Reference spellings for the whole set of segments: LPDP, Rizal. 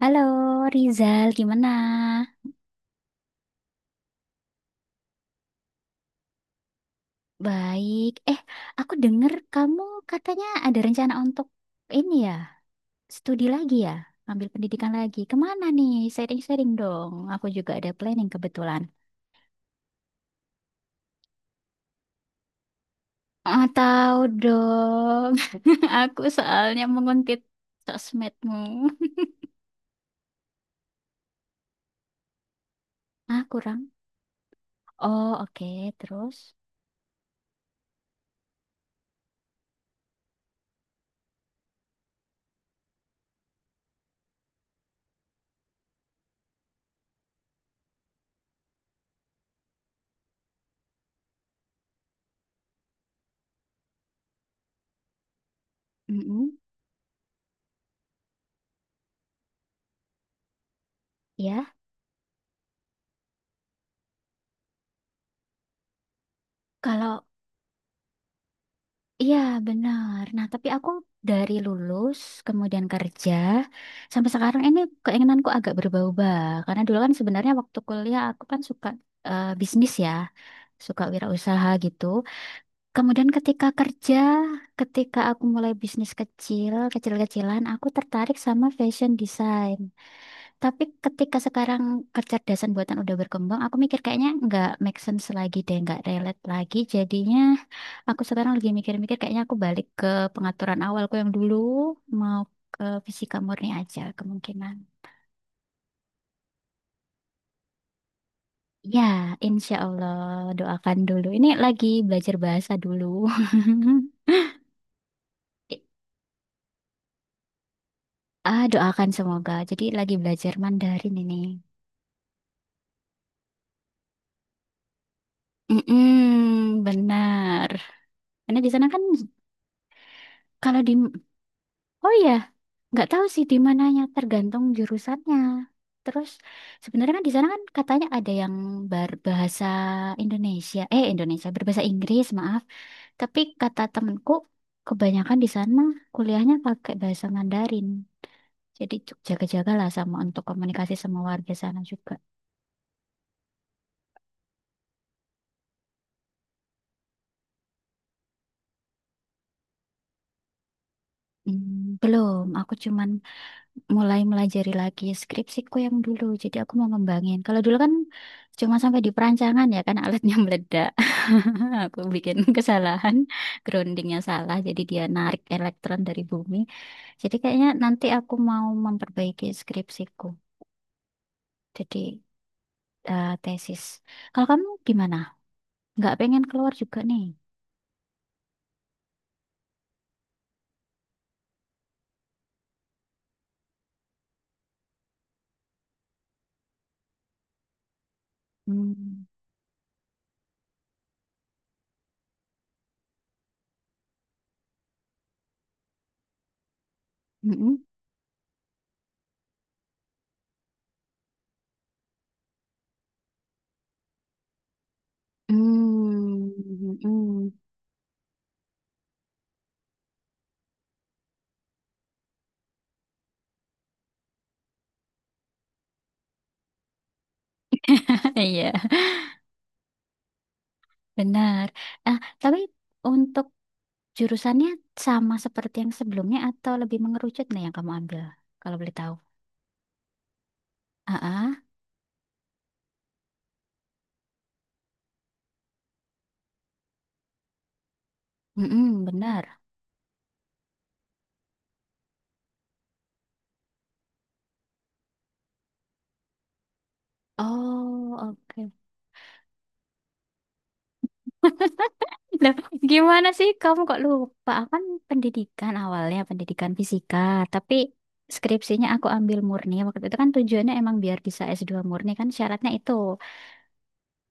Halo Rizal, gimana? Baik. Aku dengar kamu katanya ada rencana untuk ini ya, studi lagi ya, ambil pendidikan lagi. Kemana nih? Sharing-sharing dong. Aku juga ada planning kebetulan. Ah, tahu dong. Aku soalnya menguntit sosmedmu. Ah, kurang. Oh, oke. Terus, mm, ya. Kalau iya, benar. Nah, tapi aku dari lulus, kemudian kerja, sampai sekarang ini keinginanku agak berubah-ubah. Karena dulu kan sebenarnya waktu kuliah aku kan suka bisnis ya, suka wirausaha gitu. Kemudian ketika kerja, ketika aku mulai bisnis kecil, kecil-kecilan, aku tertarik sama fashion design. Tapi ketika sekarang kecerdasan buatan udah berkembang, aku mikir kayaknya nggak make sense lagi deh, nggak relate lagi. Jadinya aku sekarang lagi mikir-mikir kayaknya aku balik ke pengaturan awalku yang dulu, mau ke fisika murni aja kemungkinan. Ya, insya Allah doakan dulu. Ini lagi belajar bahasa dulu. Ah, doakan semoga. Jadi lagi belajar Mandarin ini. Mm-mm, benar. Karena di sana kan, kalau di, oh ya, nggak tahu sih di mananya tergantung jurusannya, terus sebenarnya kan di sana kan katanya ada yang berbahasa Indonesia, eh, Indonesia berbahasa Inggris, maaf, tapi kata temenku kebanyakan di sana kuliahnya pakai bahasa Mandarin, jadi jaga-jagalah sama untuk komunikasi sama warga sana juga. Hmm, belum, aku cuman mulai melajari lagi skripsiku yang dulu. Jadi aku mau ngembangin. Kalau dulu kan cuma sampai di perancangan ya kan alatnya meledak. Aku bikin kesalahan, groundingnya salah. Jadi dia narik elektron dari bumi. Jadi kayaknya nanti aku mau memperbaiki skripsiku. Jadi eh, tesis. Kalau kamu gimana? Nggak pengen keluar juga nih? Hmm. Mm-mm. Hmm. Mm-mm. Iya, benar. Ah, tapi untuk jurusannya sama seperti yang sebelumnya atau lebih mengerucut nih yang kamu ambil? Kalau boleh tahu. Ah, benar. Oh, oke. Lah, gimana sih kamu kok lupa? Aku kan pendidikan awalnya, pendidikan fisika. Tapi skripsinya aku ambil murni. Waktu itu kan tujuannya emang biar bisa S2 murni kan syaratnya itu.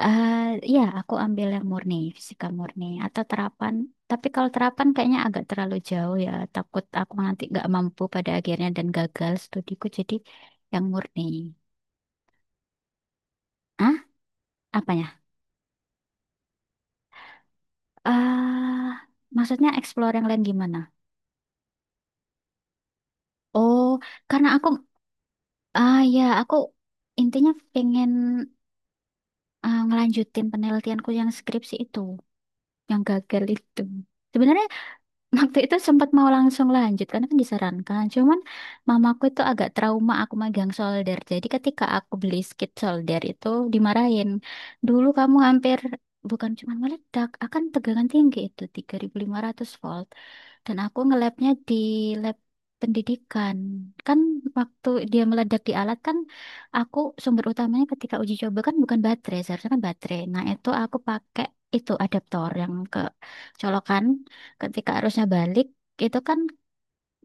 Eh, Iya, aku ambil yang murni, fisika murni atau terapan. Tapi kalau terapan kayaknya agak terlalu jauh ya. Takut aku nanti nggak mampu pada akhirnya dan gagal studiku. Jadi yang murni. Ah, apanya? Ah, maksudnya explore yang lain gimana? Oh, karena aku intinya pengen ngelanjutin penelitianku yang skripsi itu, yang gagal itu. Sebenarnya waktu itu sempat mau langsung lanjut karena kan disarankan. Cuman mamaku itu agak trauma aku megang solder. Jadi ketika aku beli skid solder itu dimarahin. Dulu kamu hampir bukan cuma meledak, akan tegangan tinggi itu 3.500 volt. Dan aku ngelabnya di lab pendidikan. Kan waktu dia meledak di alat kan aku sumber utamanya ketika uji coba kan bukan baterai, seharusnya kan baterai. Nah, itu aku pakai itu adaptor yang ke colokan, ketika arusnya balik itu kan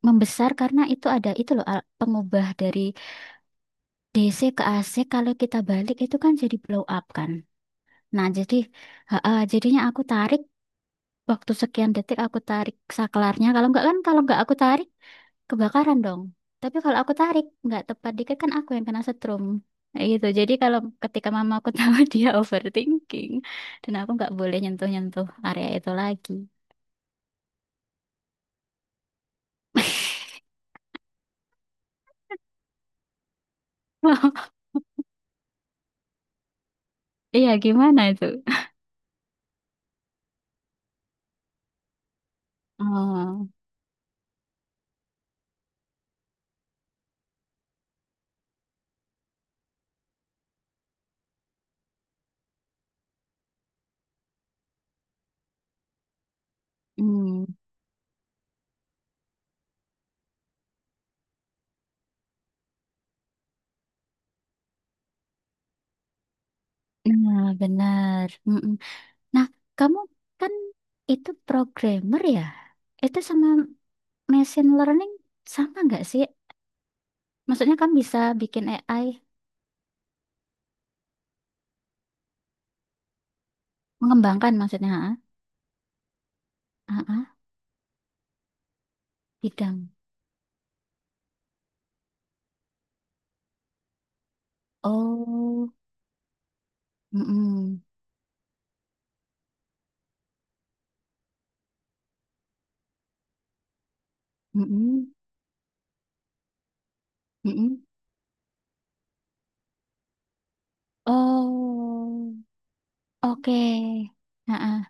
membesar karena itu ada itu loh pengubah dari DC ke AC, kalau kita balik itu kan jadi blow up kan. Nah, jadi jadinya aku tarik waktu sekian detik aku tarik saklarnya, kalau nggak kan, kalau nggak aku tarik kebakaran dong. Tapi kalau aku tarik nggak tepat dikit kan aku yang kena setrum. Kayak gitu. Jadi kalau ketika mama aku tahu dia overthinking dan aku nggak boleh nyentuh-nyentuh area itu lagi. Iya, gimana itu? Oh. Hmm, nah, benar. Mm-mm. Nah, kamu kan itu programmer ya? Itu sama machine learning sama nggak sih? Maksudnya kan bisa bikin AI, mengembangkan maksudnya, ha? Ah, ah, bidang. Oh, mm-mm, mm-mm, mm-mm. Oh, oke. Ah, ah,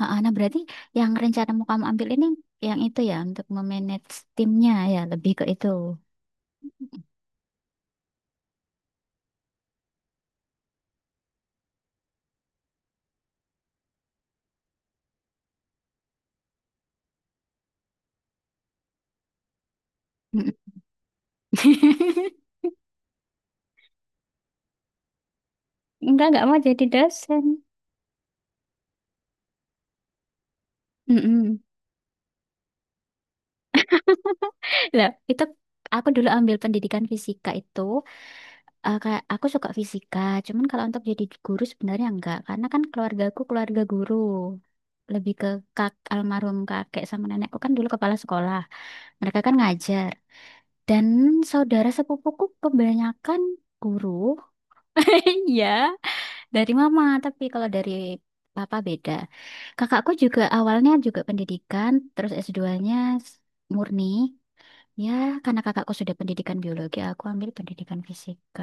ah, ah. Nah, berarti yang rencana mau kamu ambil ini yang itu ya, untuk memanage timnya ya, lebih ke itu. Mm-mm. Enggak mau jadi dosen. Mm-mm. Lah, itu aku dulu ambil pendidikan fisika itu, eh, kayak aku suka fisika. Cuman kalau untuk jadi guru sebenarnya enggak, karena kan keluargaku keluarga guru. Lebih ke kak almarhum kakek sama nenekku kan dulu kepala sekolah. Mereka kan ngajar. Dan saudara sepupuku kebanyakan guru. Iya. Dari mama, tapi kalau dari papa beda. Kakakku juga awalnya juga pendidikan, terus S2 s- murni. Ya, karena kakakku sudah pendidikan biologi, aku ambil pendidikan fisika.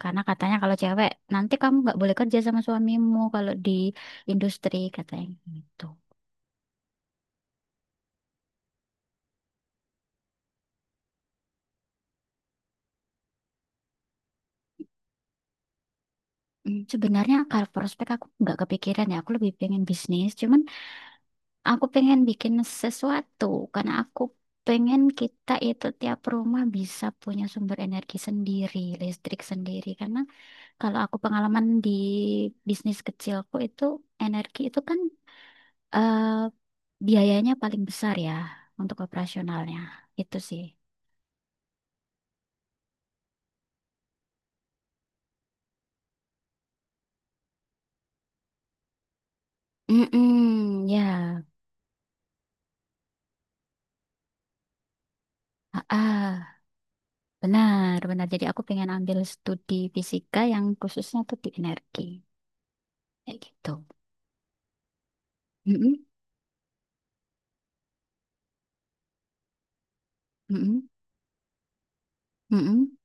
Karena katanya kalau cewek, nanti kamu nggak boleh kerja sama suamimu kalau di industri, katanya gitu. Hmm, sebenarnya kalau prospek aku nggak kepikiran ya, aku lebih pengen bisnis. Cuman aku pengen bikin sesuatu karena aku pengen kita itu tiap rumah bisa punya sumber energi sendiri, listrik sendiri. Karena kalau aku pengalaman di bisnis kecilku itu, energi itu kan, eh, biayanya paling besar ya untuk operasionalnya. Itu sih. Mm, ya, ah, ah, benar, benar. Jadi aku pengen ambil studi fisika yang khususnya tuh di energi, kayak gitu. Mm-mm, mm-mm, mm-mm.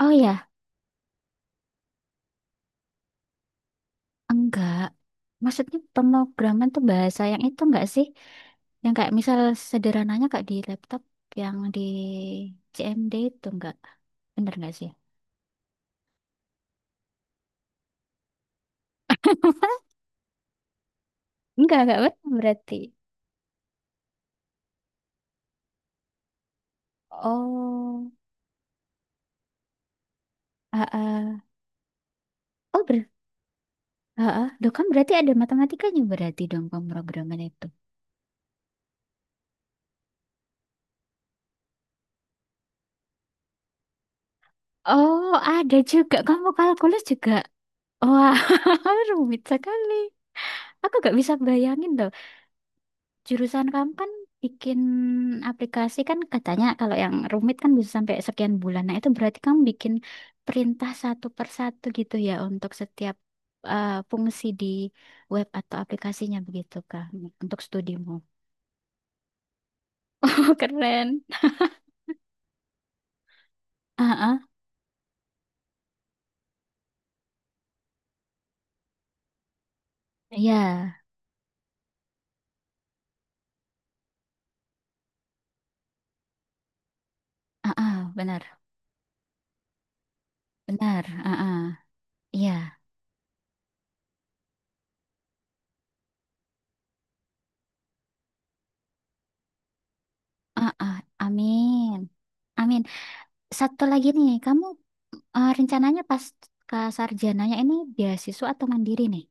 Oh ya, enggak. Maksudnya pemrograman tuh bahasa yang itu enggak sih? Yang kayak misal sederhananya kayak di laptop yang di CMD itu, enggak. Bener enggak sih? Enggak benar berarti. Oh, ah, ah. Oh, ah, ah. Loh, kan berarti ada matematikanya berarti dong pemrograman itu. Oh, ada juga. Kamu kalkulus juga. Wah, rumit sekali. Aku gak bisa bayangin jurusan kamu kan bikin aplikasi kan katanya kalau yang rumit kan bisa sampai sekian bulan. Nah, itu berarti kamu bikin perintah satu per satu gitu ya untuk setiap, eh, fungsi di web atau aplikasinya, begitu Kak, untuk studimu. Keren. Heeh. Iya, ah, benar. Benar, heeh. Iya, ah, amin. Amin. Satu lagi nih, kamu, eh, rencananya pas ke sarjananya ini beasiswa atau mandiri nih?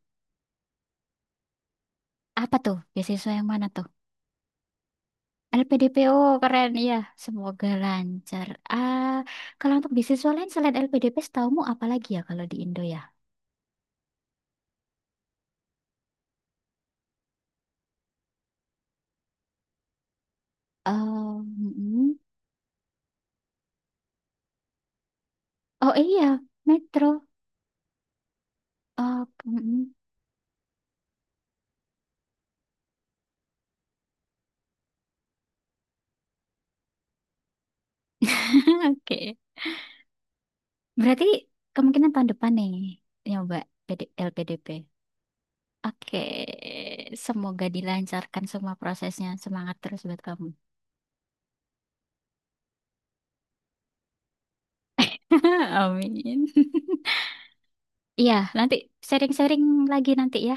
Apa tuh? Beasiswa yang mana tuh? LPDPO, keren ya. Semoga lancar. Ah, kalau untuk beasiswa lain selain LPDP, setaumu apa lagi ya kalau di Indo ya? Eh, mm-mm. Oh iya, Metro. Oh, mm-mm. Oke. Berarti kemungkinan tahun depan nih nyoba PD LPDP. Oke, semoga dilancarkan semua prosesnya. Semangat terus buat kamu. Amin. Iya, nanti sharing-sharing lagi nanti ya.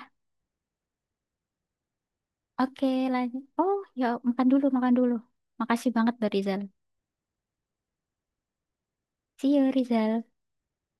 Oke, lanjut. Oh, ya, makan dulu, makan dulu. Makasih banget, Rizal. See you, Rizal.